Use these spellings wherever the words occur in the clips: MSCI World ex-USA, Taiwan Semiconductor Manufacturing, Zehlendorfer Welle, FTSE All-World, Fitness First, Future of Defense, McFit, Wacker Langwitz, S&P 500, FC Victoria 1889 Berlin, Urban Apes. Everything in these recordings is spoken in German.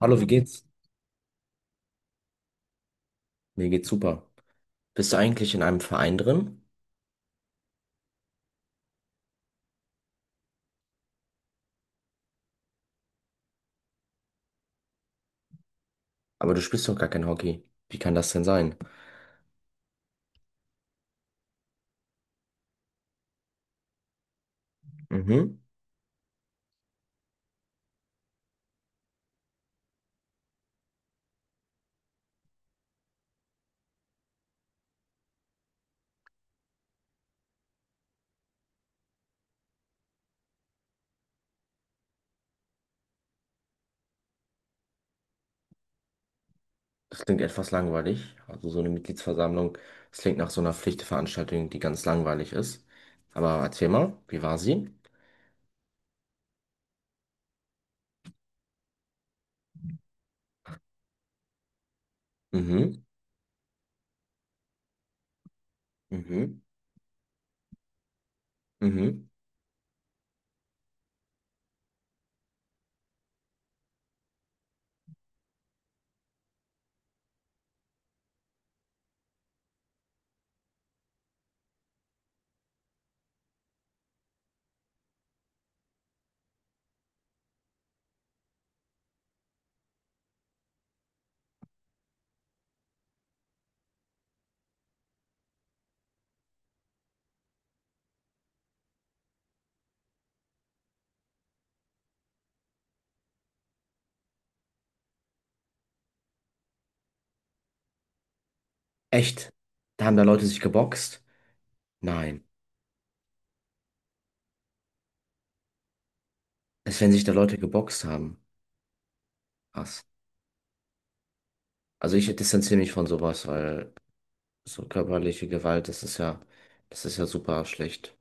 Hallo, wie geht's? Mir geht's super. Bist du eigentlich in einem Verein drin? Aber du spielst doch gar kein Hockey. Wie kann das denn sein? Mhm. Das klingt etwas langweilig. Also so eine Mitgliedsversammlung, das klingt nach so einer Pflichtveranstaltung, die ganz langweilig ist. Aber erzähl mal, wie war sie? Mhm, mhm, mhm. Echt? Da haben da Leute sich geboxt? Nein. Als wenn sich da Leute geboxt haben. Krass. Also ich distanziere mich von sowas, weil so körperliche Gewalt, das ist ja super schlecht.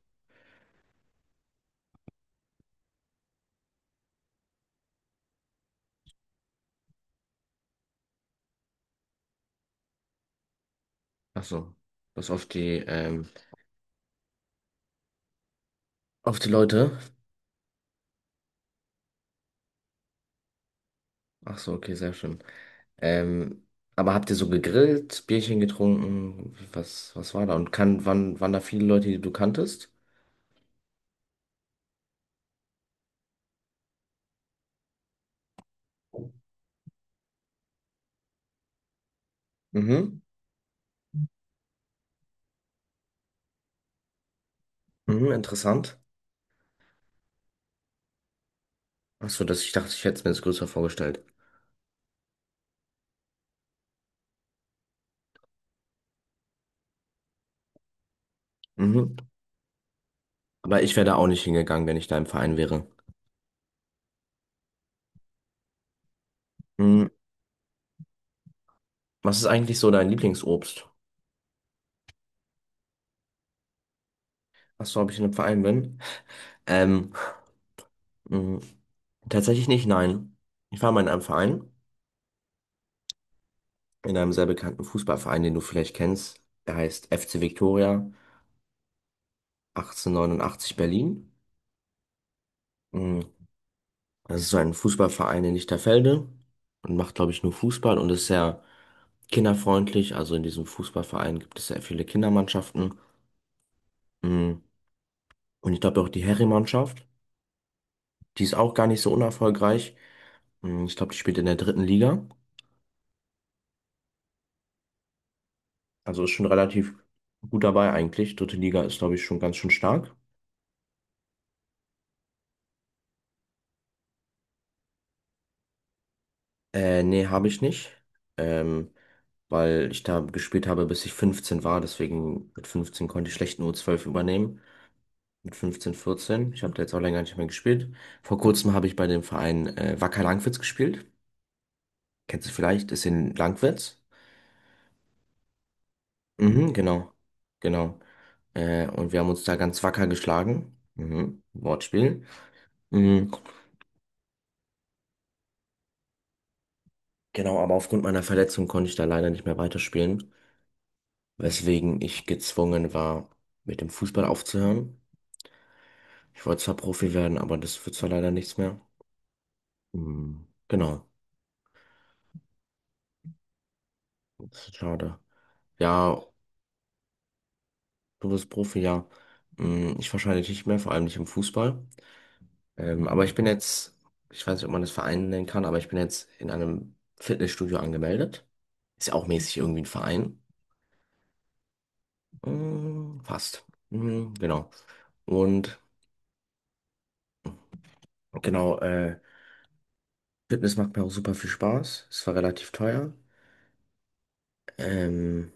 Ach so, was auf die Leute. Ach so, okay, sehr schön. Ähm, aber habt ihr so gegrillt, Bierchen getrunken? Was war da? Und waren da viele Leute, die du kanntest? Mhm. Mhm, interessant. Ach so, dass ich dachte, ich hätte es mir das größer vorgestellt. Mhm. Aber ich wäre da auch nicht hingegangen, wenn ich da im Verein wäre. Mhm. Was ist eigentlich so dein Lieblingsobst? Ach so, ob ich in einem Verein bin? Ähm, mhm. Tatsächlich nicht, nein. Ich war mal in einem Verein, in einem sehr bekannten Fußballverein, den du vielleicht kennst. Der heißt FC Victoria 1889 Berlin. Mm, Das ist so ein Fußballverein in Lichterfelde und macht, glaube ich, nur Fußball und ist sehr kinderfreundlich. Also in diesem Fußballverein gibt es sehr viele Kindermannschaften. Mm, Und ich glaube auch die Herrenmannschaft, die ist auch gar nicht so unerfolgreich. Ich glaube, die spielt in der dritten Liga. Also ist schon relativ gut dabei eigentlich. Dritte Liga ist, glaube ich, schon ganz schön stark. Nee, habe ich nicht. Ähm, Weil ich da gespielt habe, bis ich 15 war. Deswegen mit 15 konnte ich schlecht eine U12 übernehmen. Mit 15, 14. Ich habe da jetzt auch länger nicht mehr gespielt. Vor kurzem habe ich bei dem Verein Wacker Langwitz gespielt. Kennst du vielleicht? Ist in Langwitz. Mhm, genau. Genau. Und wir haben uns da ganz wacker geschlagen. Mhm, Wortspiel. Mhm, genau, aber aufgrund meiner Verletzung konnte ich da leider nicht mehr weiterspielen, weswegen ich gezwungen war, mit dem Fußball aufzuhören. Ich wollte zwar Profi werden, aber das wird zwar leider nichts mehr. Hm. Genau, das ist schade. Ja, du bist Profi, ja. Ich wahrscheinlich nicht mehr, vor allem nicht im Fußball. Aber ich bin jetzt, ich weiß nicht, ob man das Verein nennen kann, aber ich bin jetzt in einem Fitnessstudio angemeldet. Ist ja auch mäßig irgendwie ein Verein. Fast. Genau. Und genau, Fitness macht mir auch super viel Spaß. Es war relativ teuer. Ähm,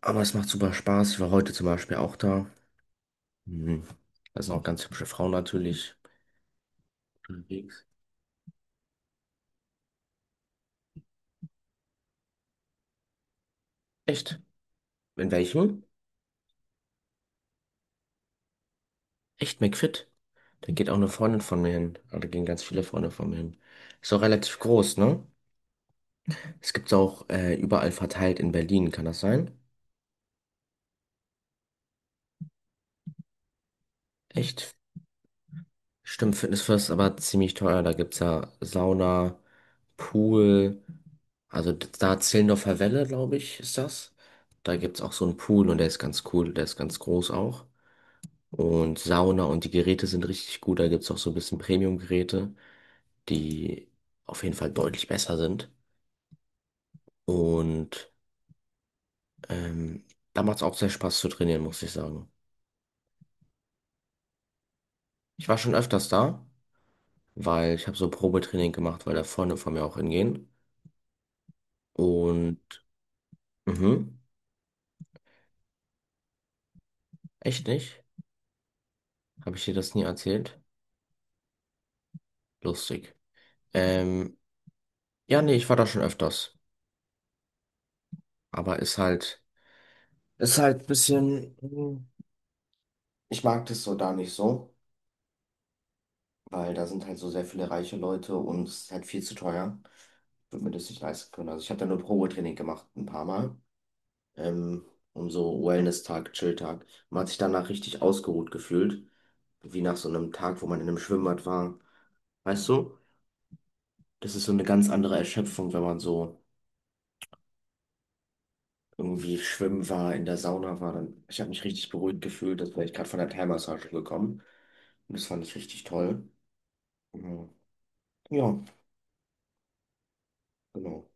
aber es macht super Spaß. Ich war heute zum Beispiel auch da. Mhm. Da sind auch ganz hübsche Frauen natürlich unterwegs. Echt? In welchem? Echt McFit? Da geht auch eine Freundin von mir hin. Ah, da gehen ganz viele Freunde von mir hin. Ist auch relativ groß, ne? Es gibt's auch überall verteilt in Berlin, kann das sein? Echt? Stimmt, Fitness First ist aber ziemlich teuer. Da gibt's ja Sauna, Pool. Also da Zehlendorfer Welle, glaube ich, ist das. Da gibt's auch so einen Pool und der ist ganz cool. Der ist ganz groß auch, und Sauna und die Geräte sind richtig gut. Da gibt es auch so ein bisschen Premium-Geräte, die auf jeden Fall deutlich besser sind. Und ähm, da macht es auch sehr Spaß zu trainieren, muss ich sagen. Ich war schon öfters da, weil ich habe so Probetraining gemacht, weil da Freunde von mir auch hingehen. Und mhm, echt nicht? Habe ich dir das nie erzählt? Lustig. Ähm, ja, nee, ich war da schon öfters. Aber ist halt ein bisschen, ich mag das so da nicht so. Weil da sind halt so sehr viele reiche Leute und es ist halt viel zu teuer. Ich würde mir das nicht leisten können. Also ich habe da nur Probetraining gemacht, ein paar Mal. Ähm, Um so Wellness-Tag, Chill-Tag. Man hat sich danach richtig ausgeruht gefühlt. Wie nach so einem Tag, wo man in einem Schwimmbad war. Weißt du? Das ist so eine ganz andere Erschöpfung, wenn man so irgendwie schwimmen war, in der Sauna war. Dann, ich habe mich richtig beruhigt gefühlt, als wäre ich gerade von der Thai-Massage gekommen. Und das fand ich richtig toll. Mhm. Ja, genau.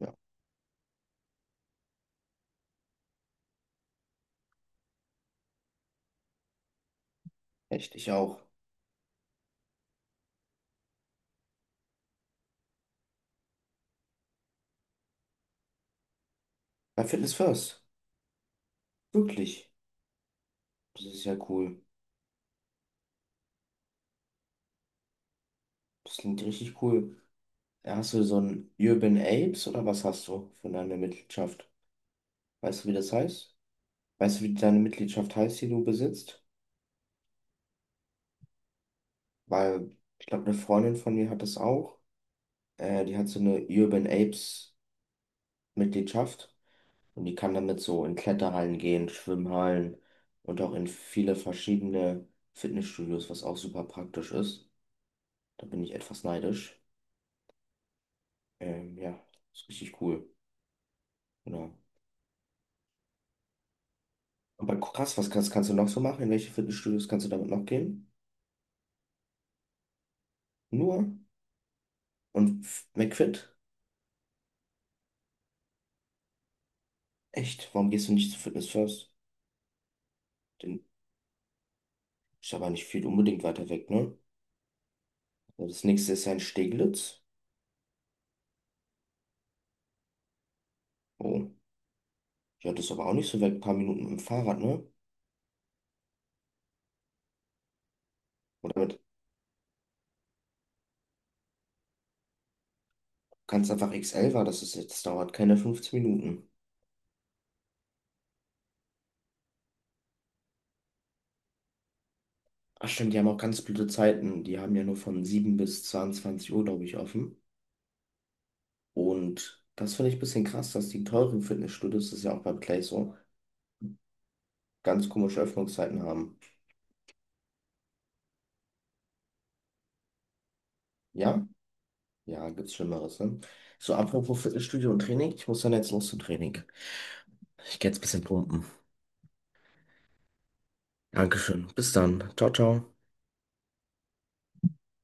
Ja, echt, ich auch. Bei Fitness First. Wirklich. Das ist ja cool. Das klingt richtig cool. Ja, hast du so ein Urban Apes oder was hast du für deine Mitgliedschaft? Weißt du, wie das heißt? Weißt du, wie deine Mitgliedschaft heißt, die du besitzt? Weil ich glaube, eine Freundin von mir hat das auch. Die hat so eine Urban Apes Mitgliedschaft und die kann damit so in Kletterhallen gehen, Schwimmhallen und auch in viele verschiedene Fitnessstudios, was auch super praktisch ist. Da bin ich etwas neidisch. Ja, ist richtig cool. Genau. Aber krass, was kannst du noch so machen? In welche Fitnessstudios kannst du damit noch gehen? Nur? Und McFit? Echt? Warum gehst du nicht zu Fitness First? Den ist aber nicht viel unbedingt weiter weg, ne? So, das nächste ist ja in Steglitz. Oh, ja, das ist aber auch nicht so weit. Ein paar Minuten mit dem Fahrrad, ne? Und damit kannst du einfach XL war, das ist jetzt, das dauert keine 15 Minuten. Ach stimmt, die haben auch ganz blöde Zeiten. Die haben ja nur von 7 bis 22 Uhr, glaube ich, offen. Und das finde ich ein bisschen krass, dass die teuren Fitnessstudios, das ist ja auch beim Play so, ganz komische Öffnungszeiten haben. Ja? Ja, gibt's Schlimmeres, ne? So, apropos Fitnessstudio und Training, ich muss dann jetzt los zum Training. Ich gehe jetzt ein bisschen pumpen. Dankeschön. Bis dann. Ciao, ciao.